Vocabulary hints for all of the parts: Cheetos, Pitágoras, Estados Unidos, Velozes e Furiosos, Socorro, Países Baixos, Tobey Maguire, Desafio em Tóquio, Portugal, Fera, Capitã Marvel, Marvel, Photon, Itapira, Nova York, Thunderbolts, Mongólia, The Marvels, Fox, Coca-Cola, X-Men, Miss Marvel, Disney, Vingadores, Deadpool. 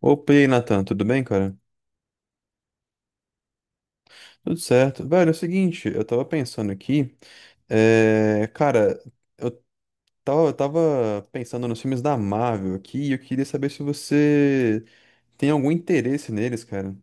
Opa, e aí, Nathan, tudo bem, cara? Tudo certo. Velho, é o seguinte, eu tava pensando aqui, é, cara, eu tava pensando nos filmes da Marvel aqui e eu queria saber se você tem algum interesse neles, cara.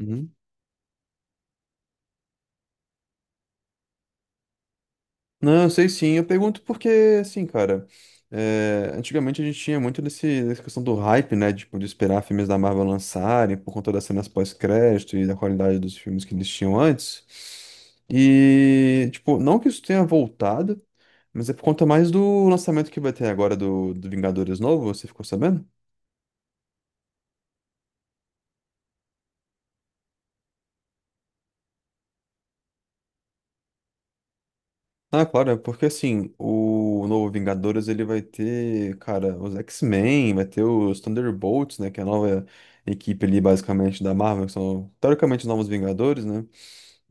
Uhum. Não, eu sei sim. Eu pergunto porque, assim, cara, antigamente a gente tinha muito dessa questão do hype, né? Tipo, de esperar filmes da Marvel lançarem por conta das cenas pós-crédito e da qualidade dos filmes que eles tinham antes. E, tipo, não que isso tenha voltado, mas é por conta mais do lançamento que vai ter agora do Vingadores novo, você ficou sabendo? Ah, claro, é porque assim, o novo Vingadores ele vai ter, cara, os X-Men, vai ter os Thunderbolts, né, que é a nova equipe ali basicamente da Marvel, que são teoricamente os novos Vingadores, né,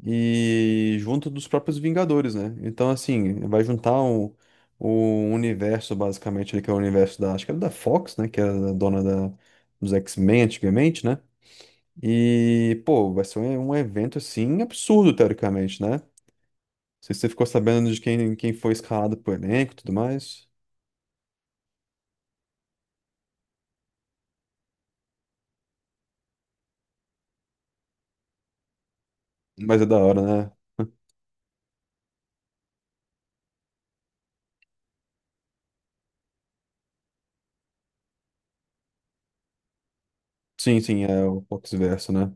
e junto dos próprios Vingadores, né, então assim, vai juntar o universo basicamente ali, que é o universo da, acho que era da Fox, né, que era a dona da, dos X-Men antigamente, né, e, pô, vai ser um evento assim absurdo teoricamente, né. Não sei se você ficou sabendo de quem foi escalado pro elenco e tudo mais. Mas é da hora, né? Sim, sim, é o Fox Verso, né?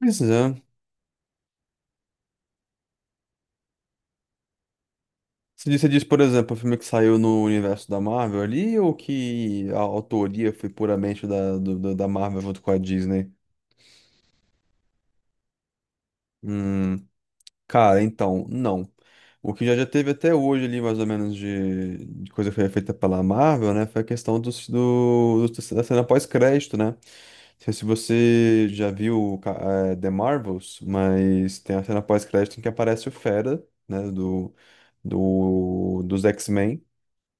Mas é. Você disse, por exemplo, o filme que saiu no universo da Marvel ali, ou que a autoria foi puramente da, da Marvel junto com a Disney? Hum, cara, então, não. O que já teve até hoje ali, mais ou menos, de coisa que foi feita pela Marvel, né? Foi a questão dos, da cena pós-crédito, né? Não sei se você já viu The Marvels, mas tem a cena pós-crédito em que aparece o Fera, né, do, dos X-Men.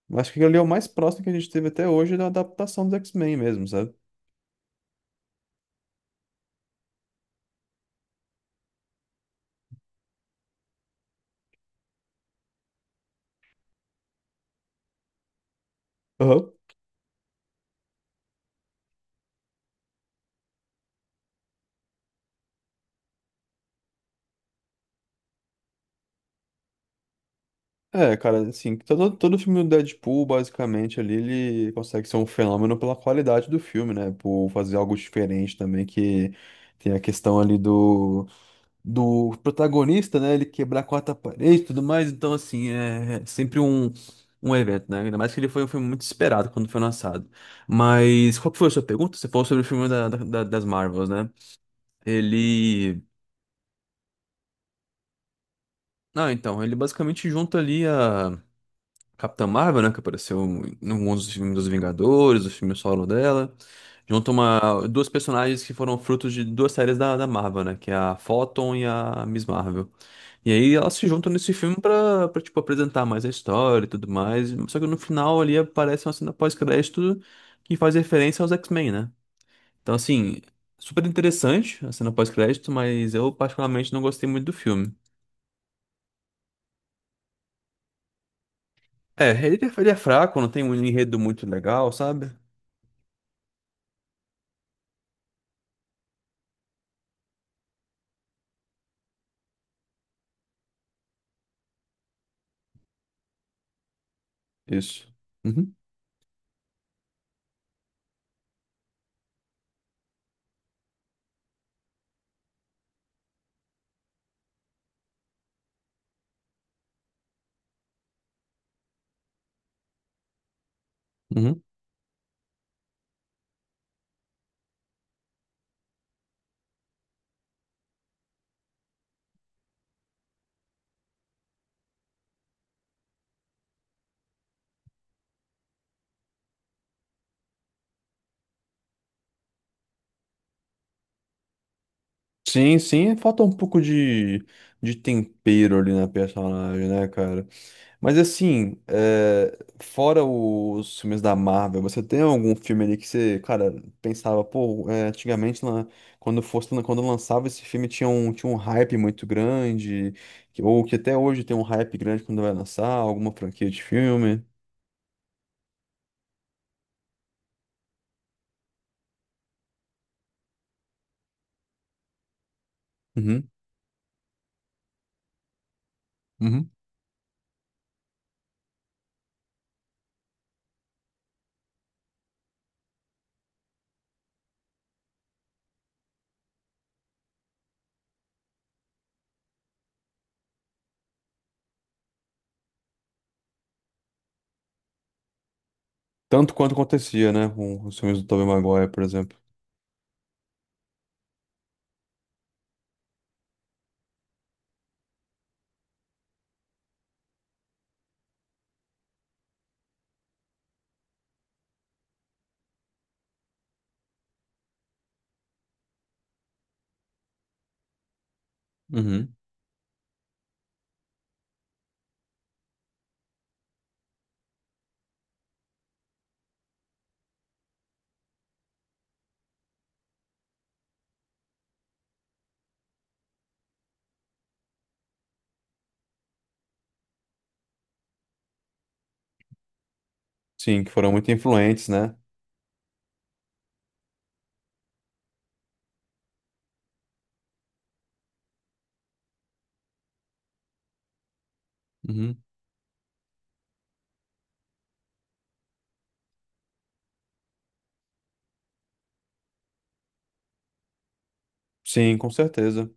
Eu acho que ele é o mais próximo que a gente teve até hoje da adaptação dos X-Men mesmo, sabe? Aham. É, cara, assim, todo filme do Deadpool, basicamente, ali, ele consegue ser um fenômeno pela qualidade do filme, né? Por fazer algo diferente também, que tem a questão ali do protagonista, né? Ele quebrar a quarta parede e tudo mais. Então, assim, é sempre um evento, né? Ainda mais que ele foi um filme muito esperado quando foi lançado. Mas qual que foi a sua pergunta? Você falou sobre o filme da, das Marvels, né? Ele. Ah, então, ele basicamente junta ali a Capitã Marvel, né? Que apareceu em alguns dos filmes dos Vingadores, o filme solo dela. Junto uma, duas personagens que foram frutos de duas séries da, da Marvel, né? Que é a Photon e a Miss Marvel. E aí elas se juntam nesse filme pra, pra tipo, apresentar mais a história e tudo mais. Só que no final ali aparece uma cena pós-crédito que faz referência aos X-Men, né? Então, assim, super interessante a cena pós-crédito, mas eu particularmente não gostei muito do filme. É, ele é fraco, não tem um enredo muito legal, sabe? Isso. Uhum, uhum. Sim, sim, falta um pouco de tempero ali na personagem, né, cara? Mas assim, é, fora os filmes da Marvel, você tem algum filme ali que você, cara, pensava, pô, é, antigamente, lá, quando lançava esse filme, tinha tinha um hype muito grande, que- ou que até hoje tem um hype grande quando vai lançar alguma franquia de filme? Uhum, uhum. Tanto quanto acontecia, né, com os filmes do Tobey Maguire, por exemplo. Sim, que foram muito influentes, né? Uhum. Sim, com certeza.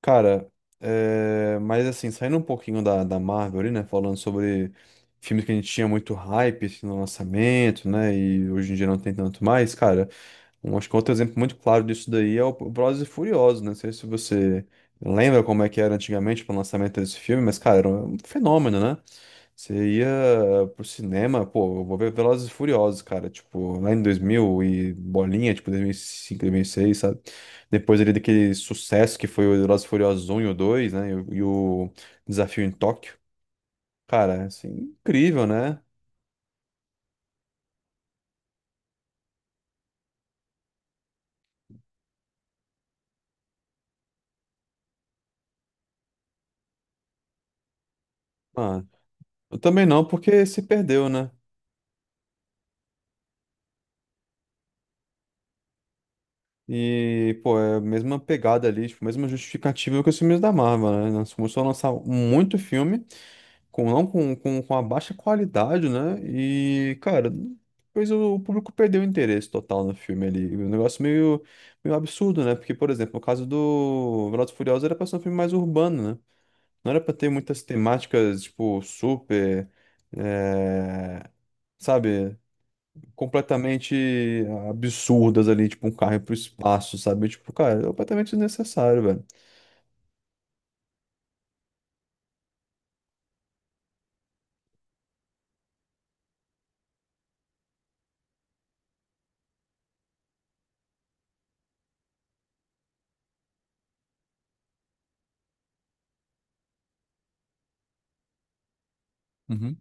Cara, é, mas assim, saindo um pouquinho da, da Marvel ali, né? Falando sobre filmes que a gente tinha muito hype assim, no lançamento, né? E hoje em dia não tem tanto mais, cara. Um, acho que outro exemplo muito claro disso daí é o Velozes e Furiosos, né? Não sei se você lembra como é que era antigamente para o lançamento desse filme, mas, cara, era um fenômeno, né? Você ia pro cinema, pô, eu vou ver Velozes e Furiosos, cara, tipo, lá em 2000 e bolinha, tipo, 2005, seis, sabe? Depois ali daquele sucesso que foi o Velozes e Furiosos um e o 2, né? E o Desafio em Tóquio. Cara, é, assim, incrível, né? Ah, eu também não, porque se perdeu, né? E, pô, é a mesma pegada ali, tipo, a mesma justificativa que os filmes da Marvel, né? Nós começamos a lançar muito filme com não com, com a baixa qualidade, né? E, cara, depois o público perdeu o interesse total no filme ali. Um negócio meio absurdo, né? Porque, por exemplo, no caso do Velozes e Furiosos era pra ser um filme mais urbano, né? Não era pra ter muitas temáticas, tipo, super, eh, sabe? Completamente absurdas ali, tipo, um carro ir pro espaço, sabe? Tipo, cara, é completamente desnecessário, velho. Uhum.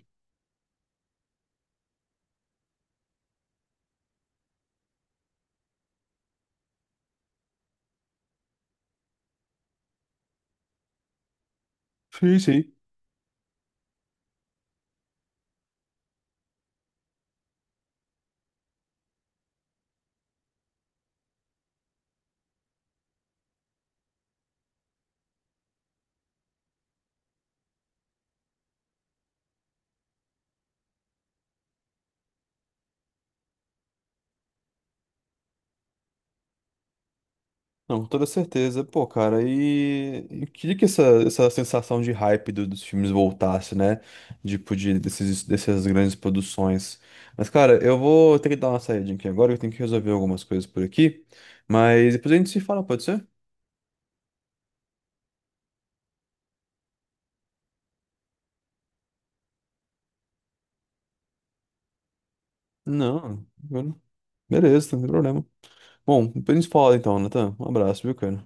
Sim, sim. Não, com toda certeza. Pô, cara, e eu queria que essa sensação de hype do- dos filmes voltasse, né? Tipo, desses, dessas grandes produções. Mas, cara, eu vou ter que dar uma saída aqui agora, eu tenho que resolver algumas coisas por aqui. Mas depois a gente se fala, pode ser? Não, agora- beleza, não tem problema. Bom, depois a gente fala então, Natan. Um abraço, viu, cara?